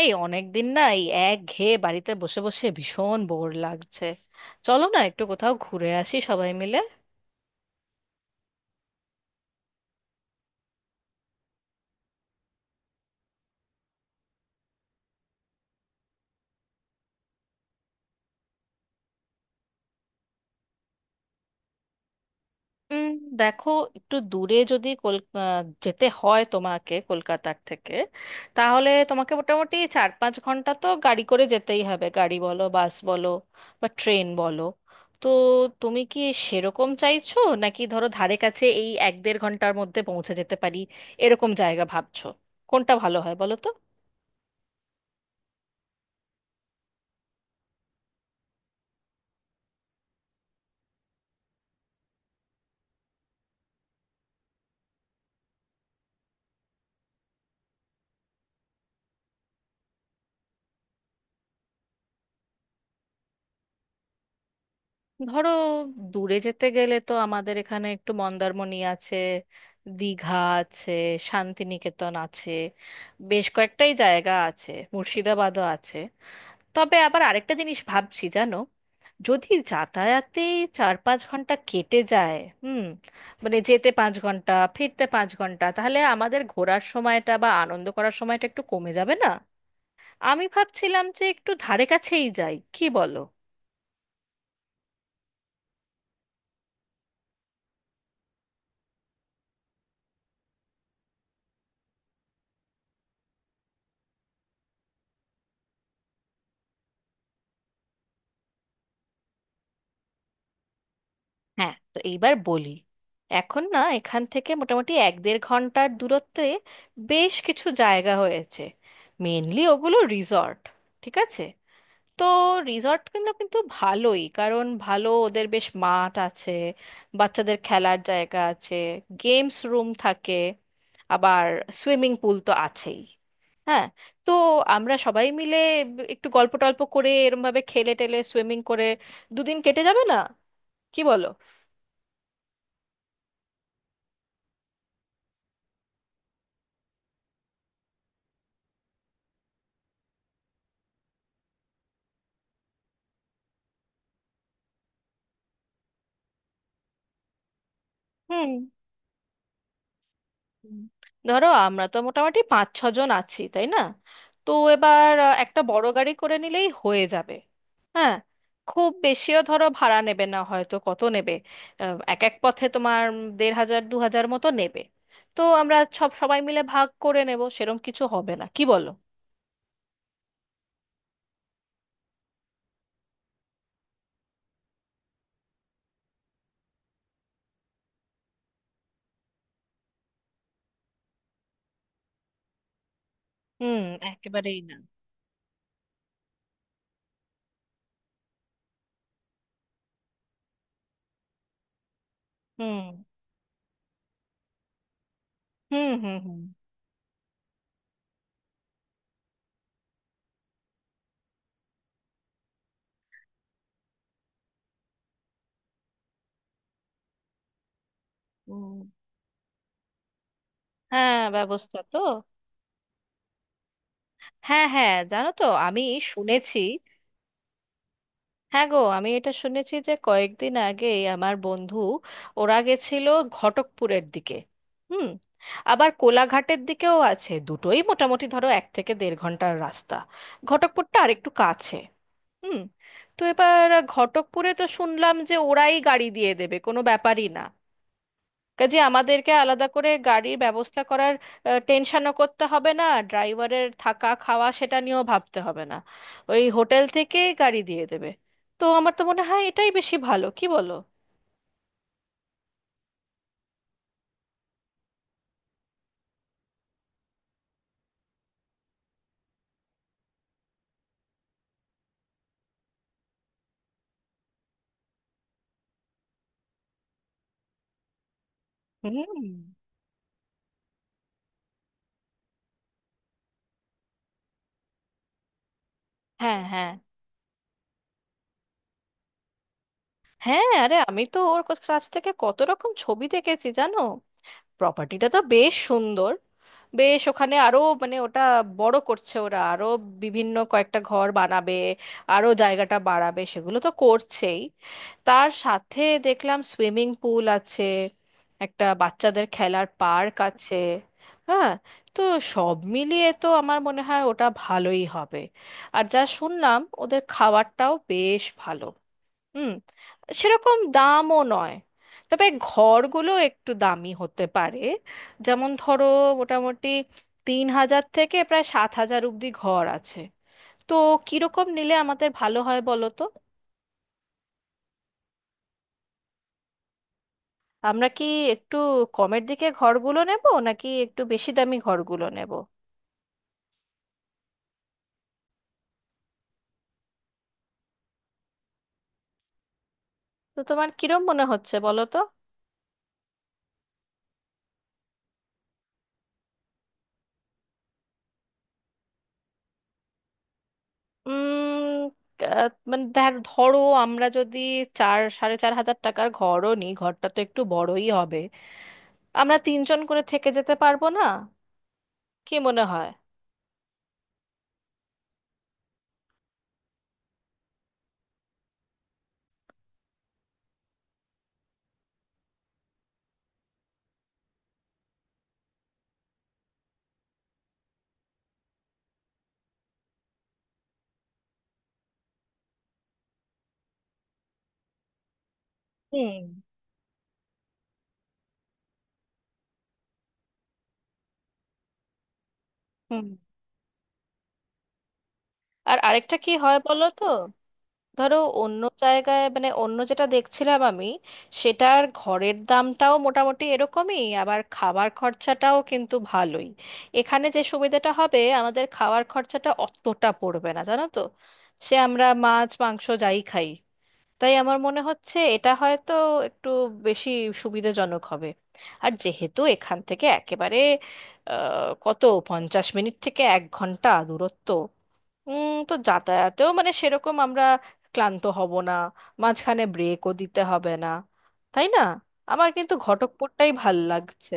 এই অনেকদিন না এই একঘেয়ে বাড়িতে বসে বসে ভীষণ বোর লাগছে। চলো না একটু কোথাও ঘুরে আসি সবাই মিলে। উম, দেখো, একটু দূরে যদি যেতে হয় তোমাকে কলকাতার থেকে, তাহলে তোমাকে মোটামুটি 4-5 ঘন্টা তো গাড়ি করে যেতেই হবে, গাড়ি বলো, বাস বলো বা ট্রেন বলো। তো তুমি কি সেরকম চাইছো, নাকি ধরো ধারে কাছে এই 1-1.5 ঘন্টার মধ্যে পৌঁছে যেতে পারি এরকম জায়গা ভাবছো? কোনটা ভালো হয় বলো তো। ধরো, দূরে যেতে গেলে তো আমাদের এখানে একটু মন্দারমণি আছে, দীঘা আছে, শান্তিনিকেতন আছে, বেশ কয়েকটাই জায়গা আছে, মুর্শিদাবাদও আছে। তবে আবার আরেকটা জিনিস ভাবছি জানো, যদি যাতায়াতে 4-5 ঘন্টা কেটে যায়, হুম, মানে যেতে 5 ঘন্টা ফিরতে 5 ঘন্টা, তাহলে আমাদের ঘোরার সময়টা বা আনন্দ করার সময়টা একটু কমে যাবে না? আমি ভাবছিলাম যে একটু ধারে কাছেই যাই, কি বলো? হ্যাঁ, তো এইবার বলি, এখন না এখান থেকে মোটামুটি 1-1.5 ঘন্টার দূরত্বে বেশ কিছু জায়গা হয়েছে। মেনলি ওগুলো রিসর্ট। ঠিক আছে। তো রিসর্ট, কিন্তু কিন্তু ভালোই, কারণ ভালো ওদের বেশ মাঠ আছে, বাচ্চাদের খেলার জায়গা আছে, গেমস রুম থাকে, আবার সুইমিং পুল তো আছেই। হ্যাঁ, তো আমরা সবাই মিলে একটু গল্প টল্প করে এরমভাবে খেলে টেলে সুইমিং করে দুদিন কেটে যাবে না, কি বলো? হ্যাঁ। হুম। ধরো আমরা তো মোটামুটি 5-6 জন আছি, তাই না? তো এবার একটা বড় গাড়ি করে নিলেই হয়ে যাবে। হ্যাঁ, খুব বেশিও ধরো ভাড়া নেবে না, হয়তো কত নেবে, এক এক পথে তোমার 1500-2000 মতো নেবে। তো আমরা সবাই মিলে ভাগ করে নেব, সেরম কিছু হবে না, কি বলো? হুম। একেবারেই না। হুম, হুম, হুম। হুম, হুম। হ্যাঁ, ব্যবস্থা তো, হ্যাঁ, হ্যাঁ, জানো তো আমি শুনেছি। হ্যাঁ গো, আমি এটা শুনেছি যে কয়েকদিন আগে আমার বন্ধু ওরা গেছিল ঘটকপুরের দিকে। হুম। আবার কোলাঘাটের দিকেও আছে, দুটোই মোটামুটি ধরো 1 থেকে 1.5 ঘন্টার রাস্তা। ঘটকপুরটা আরেকটু কাছে। হুম। তো এবার ঘটকপুরে তো শুনলাম যে ওরাই গাড়ি দিয়ে দেবে, কোনো ব্যাপারই না। কাজে আমাদেরকে আলাদা করে গাড়ির ব্যবস্থা করার টেনশনও করতে হবে না, ড্রাইভারের থাকা খাওয়া সেটা নিয়েও ভাবতে হবে না, ওই হোটেল থেকে গাড়ি দিয়ে দেবে। তো আমার তো মনে হয় এটাই বেশি ভালো, কি বলো? হুম। হ্যাঁ, হ্যাঁ। হ্যাঁ, আরে আমি তো ওর কাছ থেকে কত রকম ছবি দেখেছি জানো, প্রপার্টিটা তো বেশ সুন্দর। বেশ ওখানে আরো, মানে ওটা বড় করছে ওরা, আরো বিভিন্ন কয়েকটা ঘর বানাবে, আরো জায়গাটা বাড়াবে, সেগুলো তো করছেই। তার সাথে দেখলাম সুইমিং পুল আছে, একটা বাচ্চাদের খেলার পার্ক আছে। হ্যাঁ। তো সব মিলিয়ে তো আমার মনে হয় ওটা ভালোই হবে। আর যা শুনলাম ওদের খাবারটাও বেশ ভালো, হুম, সেরকম দামও নয়। তবে ঘরগুলো একটু দামি হতে পারে। যেমন ধরো মোটামুটি 3000 থেকে প্রায় 7000 অব্দি ঘর আছে। তো কিরকম নিলে আমাদের ভালো হয় বলো তো, আমরা কি একটু কমের দিকে ঘরগুলো নেব নাকি একটু বেশি দামি ঘরগুলো নেব? তো তোমার কিরম মনে হচ্ছে বলো তো। উম আহ, মানে ধর- ধরো আমরা যদি 4-4.5 হাজার টাকার ঘরও নিই, ঘরটা তো একটু বড়ই হবে, আমরা 3 জন করে থেকে যেতে পারবো না? কি মনে হয়? হুম, হুম। আর আরেকটা কি হয় বলো তো, ধরো অন্য জায়গায়, মানে অন্য যেটা দেখছিলাম আমি, সেটার ঘরের দামটাও মোটামুটি এরকমই, আবার খাবার খরচাটাও কিন্তু ভালোই। এখানে যে সুবিধাটা হবে, আমাদের খাওয়ার খরচাটা অতটা পড়বে না জানো তো, সে আমরা মাছ মাংস যাই খাই। তাই আমার মনে হচ্ছে এটা হয়তো একটু বেশি সুবিধাজনক হবে। আর যেহেতু এখান থেকে একেবারে কত, 50 মিনিট থেকে 1 ঘন্টা দূরত্ব, তো যাতায়াতেও মানে সেরকম আমরা ক্লান্ত হব না, মাঝখানে ব্রেকও দিতে হবে না, তাই না? আমার কিন্তু ঘটকপুরটাই ভাল লাগছে।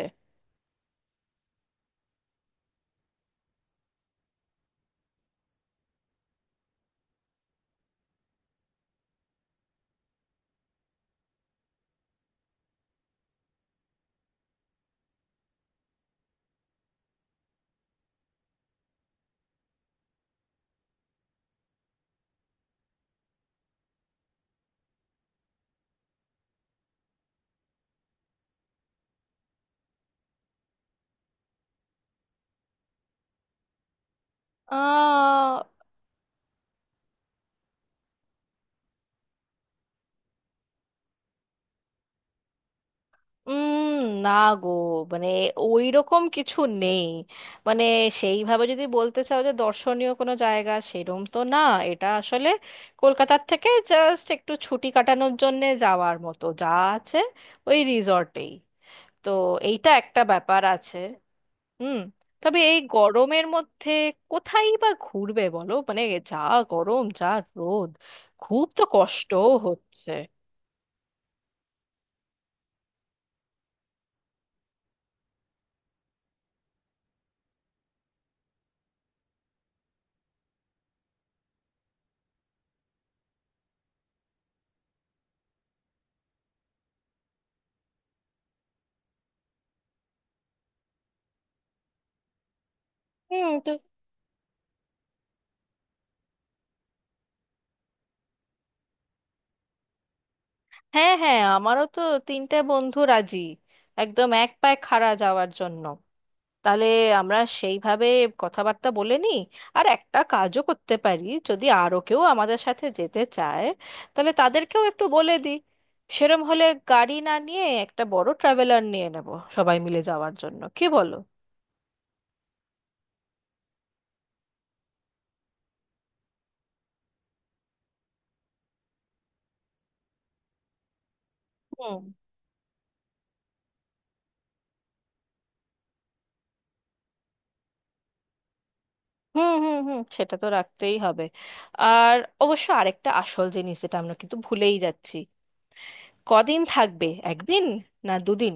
আহ উম না গো, মানে ওই রকম কিছু নেই, মানে সেইভাবে যদি বলতে চাও যে দর্শনীয় কোনো জায়গা সেরম তো না। এটা আসলে কলকাতার থেকে জাস্ট একটু ছুটি কাটানোর জন্যে যাওয়ার মতো, যা আছে ওই রিসর্টেই। তো এইটা একটা ব্যাপার আছে। হুম। তবে এই গরমের মধ্যে কোথায় বা ঘুরবে বলো, মানে যা গরম, যা রোদ, খুব তো কষ্টও হচ্ছে। হুম। হ্যাঁ, হ্যাঁ আমারও তো 3টে বন্ধু রাজি, একদম এক পায়ে খাড়া যাওয়ার জন্য। তাহলে আমরা সেইভাবে কথাবার্তা বলে নিই। আর একটা কাজও করতে পারি, যদি আরও কেউ আমাদের সাথে যেতে চায় তাহলে তাদেরকেও একটু বলে দিই, সেরম হলে গাড়ি না নিয়ে একটা বড় ট্রাভেলার নিয়ে নেব সবাই মিলে যাওয়ার জন্য, কি বলো? হুম, হুম, হুম। হুম, সেটা তো রাখতেই হবে। আর অবশ্য আরেকটা আসল জিনিস যেটা আমরা কিন্তু ভুলেই যাচ্ছি, কদিন থাকবে, একদিন না দুদিন?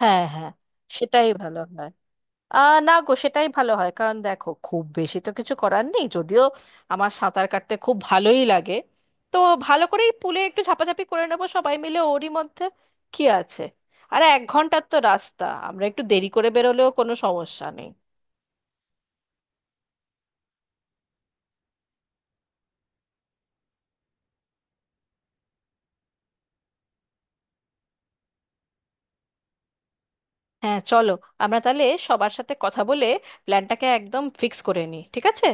হ্যাঁ, হ্যাঁ সেটাই ভালো হয়। না গো, সেটাই ভালো হয়, কারণ দেখো খুব বেশি তো কিছু করার নেই যদিও, আমার সাঁতার কাটতে খুব ভালোই লাগে। তো ভালো করেই পুলে একটু ঝাপাঝাপি করে নেবো সবাই মিলে, ওরই মধ্যে কি আছে। আর 1 ঘন্টার তো রাস্তা, আমরা একটু দেরি করে বেরোলেও কোনো সমস্যা নেই। হ্যাঁ চলো, আমরা তাহলে সবার সাথে কথা বলে প্ল্যানটাকে একদম ফিক্স করে নিই, ঠিক আছে?